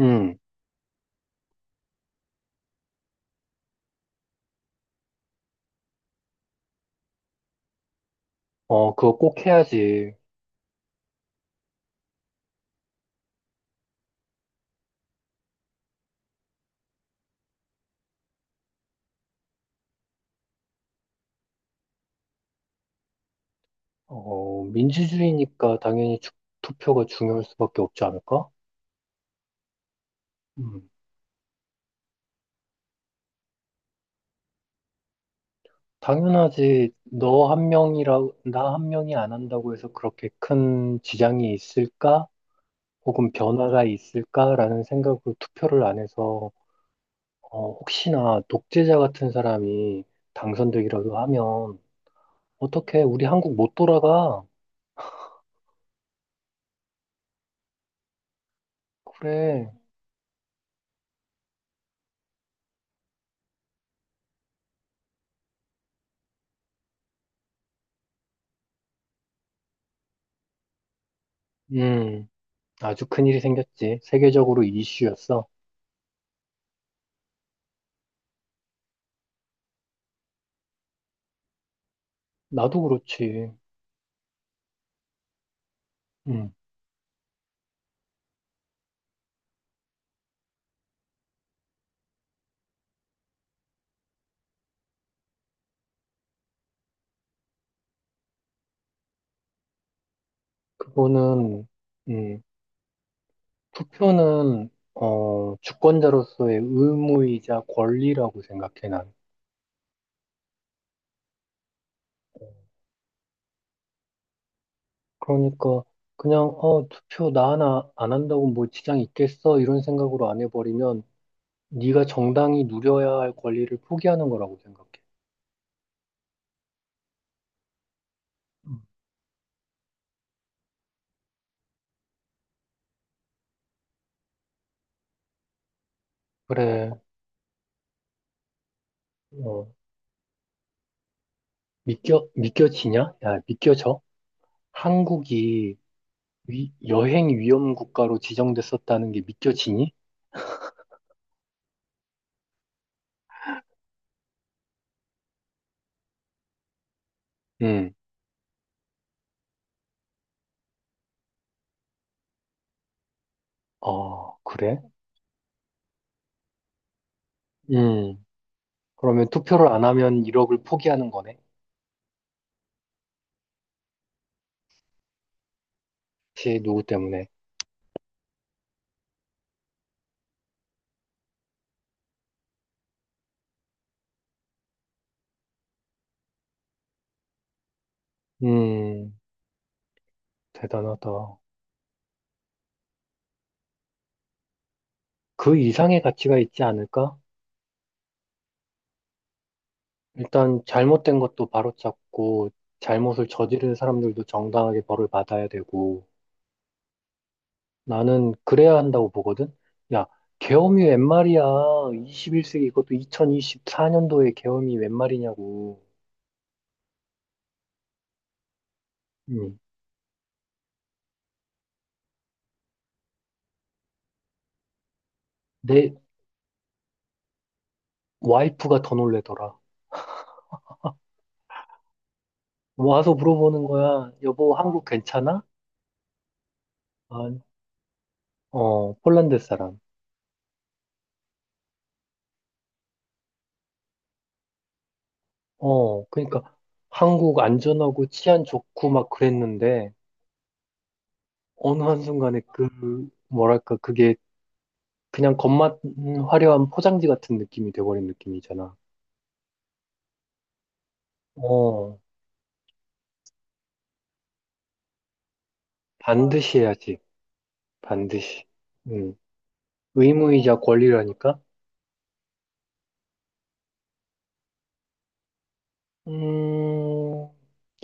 음, 어, 그거 꼭 해야지. 어, 민주주의니까 당연히 투표가 중요할 수밖에 없지 않을까? 음, 당연하지. 나 한 명이 안 한다고 해서 그렇게 큰 지장이 있을까? 혹은 변화가 있을까라는 생각으로 투표를 안 해서, 혹시나 독재자 같은 사람이 당선되기라도 하면, 어떡해, 우리 한국 못 돌아가. 그래. 음, 아주 큰일이 생겼지. 세계적으로 이슈였어. 나도 그렇지. 음, 그거는, 음, 투표는, 주권자로서의 의무이자 권리라고 생각해, 난. 그러니까, 그냥, 투표 나 하나 안 한다고 뭐 지장 있겠어? 이런 생각으로 안 해버리면, 네가 정당히 누려야 할 권리를 포기하는 거라고 생각해. 음. 그래, 어, 믿겨지냐? 야, 믿겨져? 한국이 여행 위험 국가로 지정됐었다는 게 믿겨지니? 응. 어, 그래? 음. 그러면 투표를 안 하면 1억을 포기하는 거네. 혹시 누구 때문에? 음, 대단하다. 그 이상의 가치가 있지 않을까? 일단 잘못된 것도 바로잡고 잘못을 저지른 사람들도 정당하게 벌을 받아야 되고 나는 그래야 한다고 보거든. 야, 계엄이 웬 말이야. 21세기 이것도 2024년도에 계엄이 웬 말이냐고. 음. 내 와이프가 더 놀래더라. 와서 물어보는 거야. 여보, 한국 괜찮아? 아, 어, 폴란드 사람. 어, 그러니까 한국 안전하고 치안 좋고 막 그랬는데 어느 한순간에 그 뭐랄까 그게 그냥 겉만 화려한 포장지 같은 느낌이 돼버린 느낌이잖아. 어, 반드시 해야지. 반드시. 음, 의무이자 권리라니까. 음,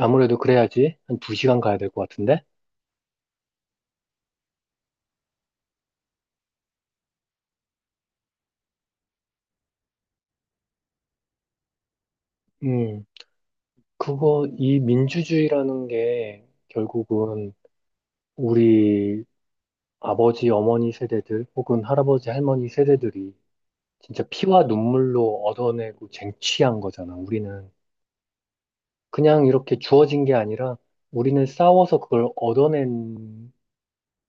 아무래도 그래야지. 한 두 시간 가야 될 것 같은데. 음, 그거 이 민주주의라는 게 결국은 우리 아버지, 어머니 세대들 혹은 할아버지, 할머니 세대들이 진짜 피와 눈물로 얻어내고 쟁취한 거잖아. 우리는 그냥 이렇게 주어진 게 아니라 우리는 싸워서 그걸 얻어낸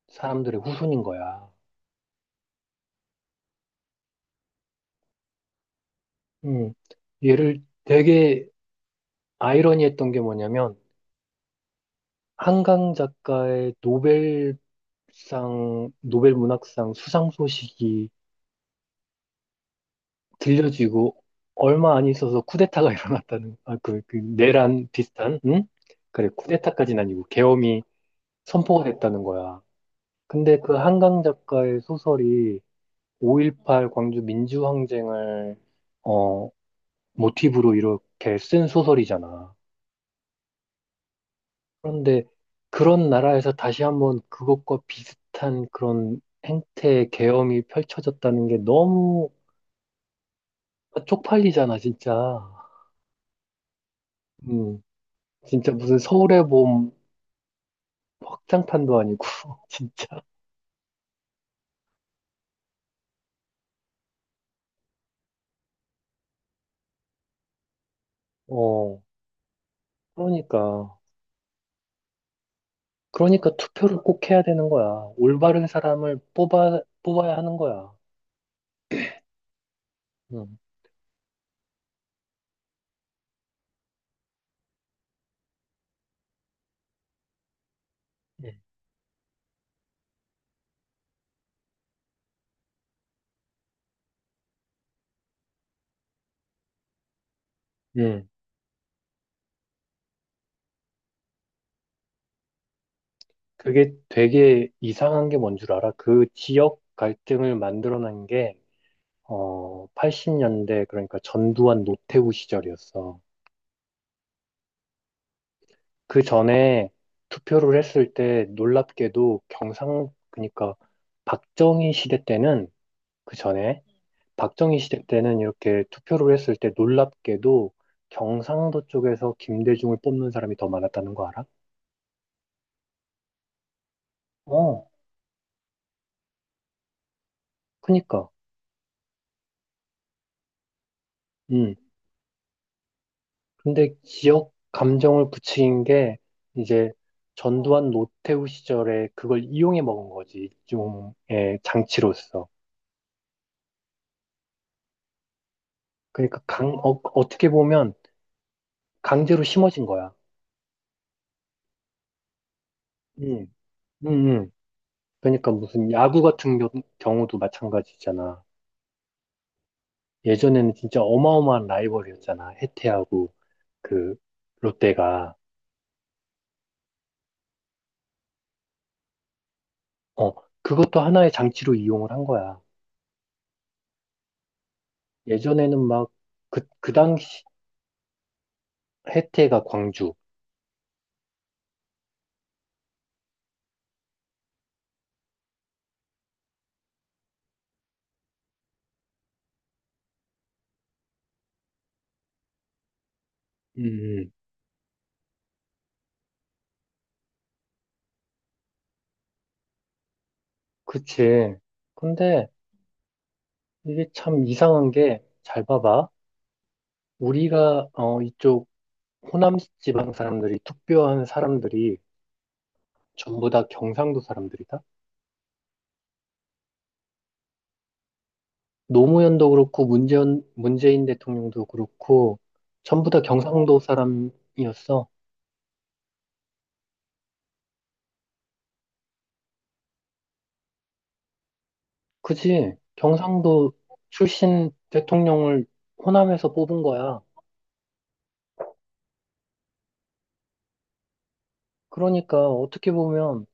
사람들의 후손인 거야. 음. 얘를 되게 아이러니했던 게 뭐냐면 한강 작가의 노벨상, 노벨 문학상 수상 소식이 들려지고 얼마 안 있어서 쿠데타가 일어났다는 아, 그 내란 비슷한 응? 그래 쿠데타까지는 아니고 계엄이 선포가 됐다는 거야. 근데 그 한강 작가의 소설이 5.18 광주 민주항쟁을 어, 모티브로 이렇게 쓴 소설이잖아. 그런데 그런 나라에서 다시 한번 그것과 비슷한 그런 행태의 계엄이 펼쳐졌다는 게 너무 쪽팔리잖아, 진짜. 음, 진짜 무슨 서울의 봄 확장판도 아니고, 진짜. 어, 그러니까. 그러니까 투표를 꼭 해야 되는 거야. 올바른 사람을 뽑아야 하는 거야. 응. 예. 예. 그게 되게 이상한 게 뭔 줄 알아? 그 지역 갈등을 만들어낸 게, 80년대, 그러니까 전두환 노태우 시절이었어. 그 전에 투표를 했을 때 놀랍게도 그러니까 박정희 시대 때는 그 전에 박정희 시대 때는 이렇게 투표를 했을 때 놀랍게도 경상도 쪽에서 김대중을 뽑는 사람이 더 많았다는 거 알아? 어, 그니까. 음. 근데 지역 감정을 부추긴 게 이제 전두환 노태우 시절에 그걸 이용해 먹은 거지. 일종의 장치로서. 그러니까 어떻게 보면 강제로 심어진 거야. 음. 음. 음. 그러니까 무슨 야구 같은 경우도 마찬가지잖아. 예전에는 진짜 어마어마한 라이벌이었잖아. 해태하고. 그 롯데가 어 그것도 하나의 장치로 이용을 한 거야. 예전에는 막 그 당시 해태가 광주. 음, 음. 그치. 근데 이게 참 이상한 게 잘 봐봐. 우리가 이쪽 호남 지방 사람들이 투표한 사람들이 전부 다 경상도 사람들이다. 노무현도 그렇고 문재인 대통령도 그렇고 전부 다 경상도 사람이었어. 그지? 경상도 출신 대통령을 호남에서 뽑은 거야. 그러니까 어떻게 보면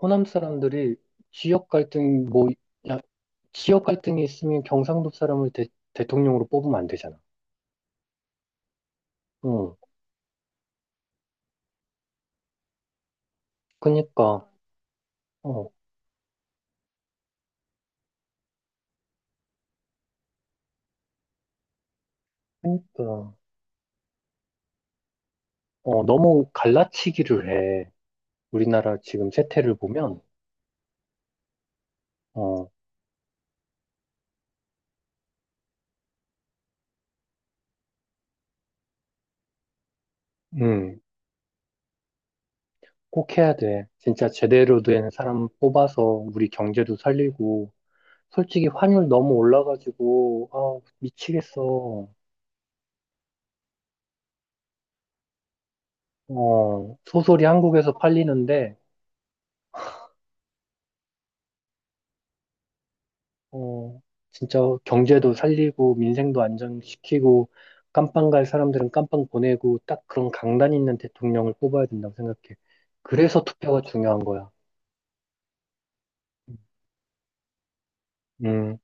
호남 사람들이 지역 갈등 뭐 야, 지역 갈등이 있으면 경상도 사람을 대통령으로 뽑으면 안 되잖아. 응. 그니까 어, 그니까 너무 갈라치기를 해. 우리나라 지금 세태를 보면 어, 음, 꼭 해야 돼. 진짜 제대로 된 사람 뽑아서 우리 경제도 살리고 솔직히 환율 너무 올라가지고, 아, 미치겠어. 어, 소설이 한국에서 팔리는데, 어, 진짜 경제도 살리고, 민생도 안정시키고, 깜빵 갈 사람들은 깜빵 보내고, 딱 그런 강단 있는 대통령을 뽑아야 된다고 생각해. 그래서 투표가 중요한 거야. 음.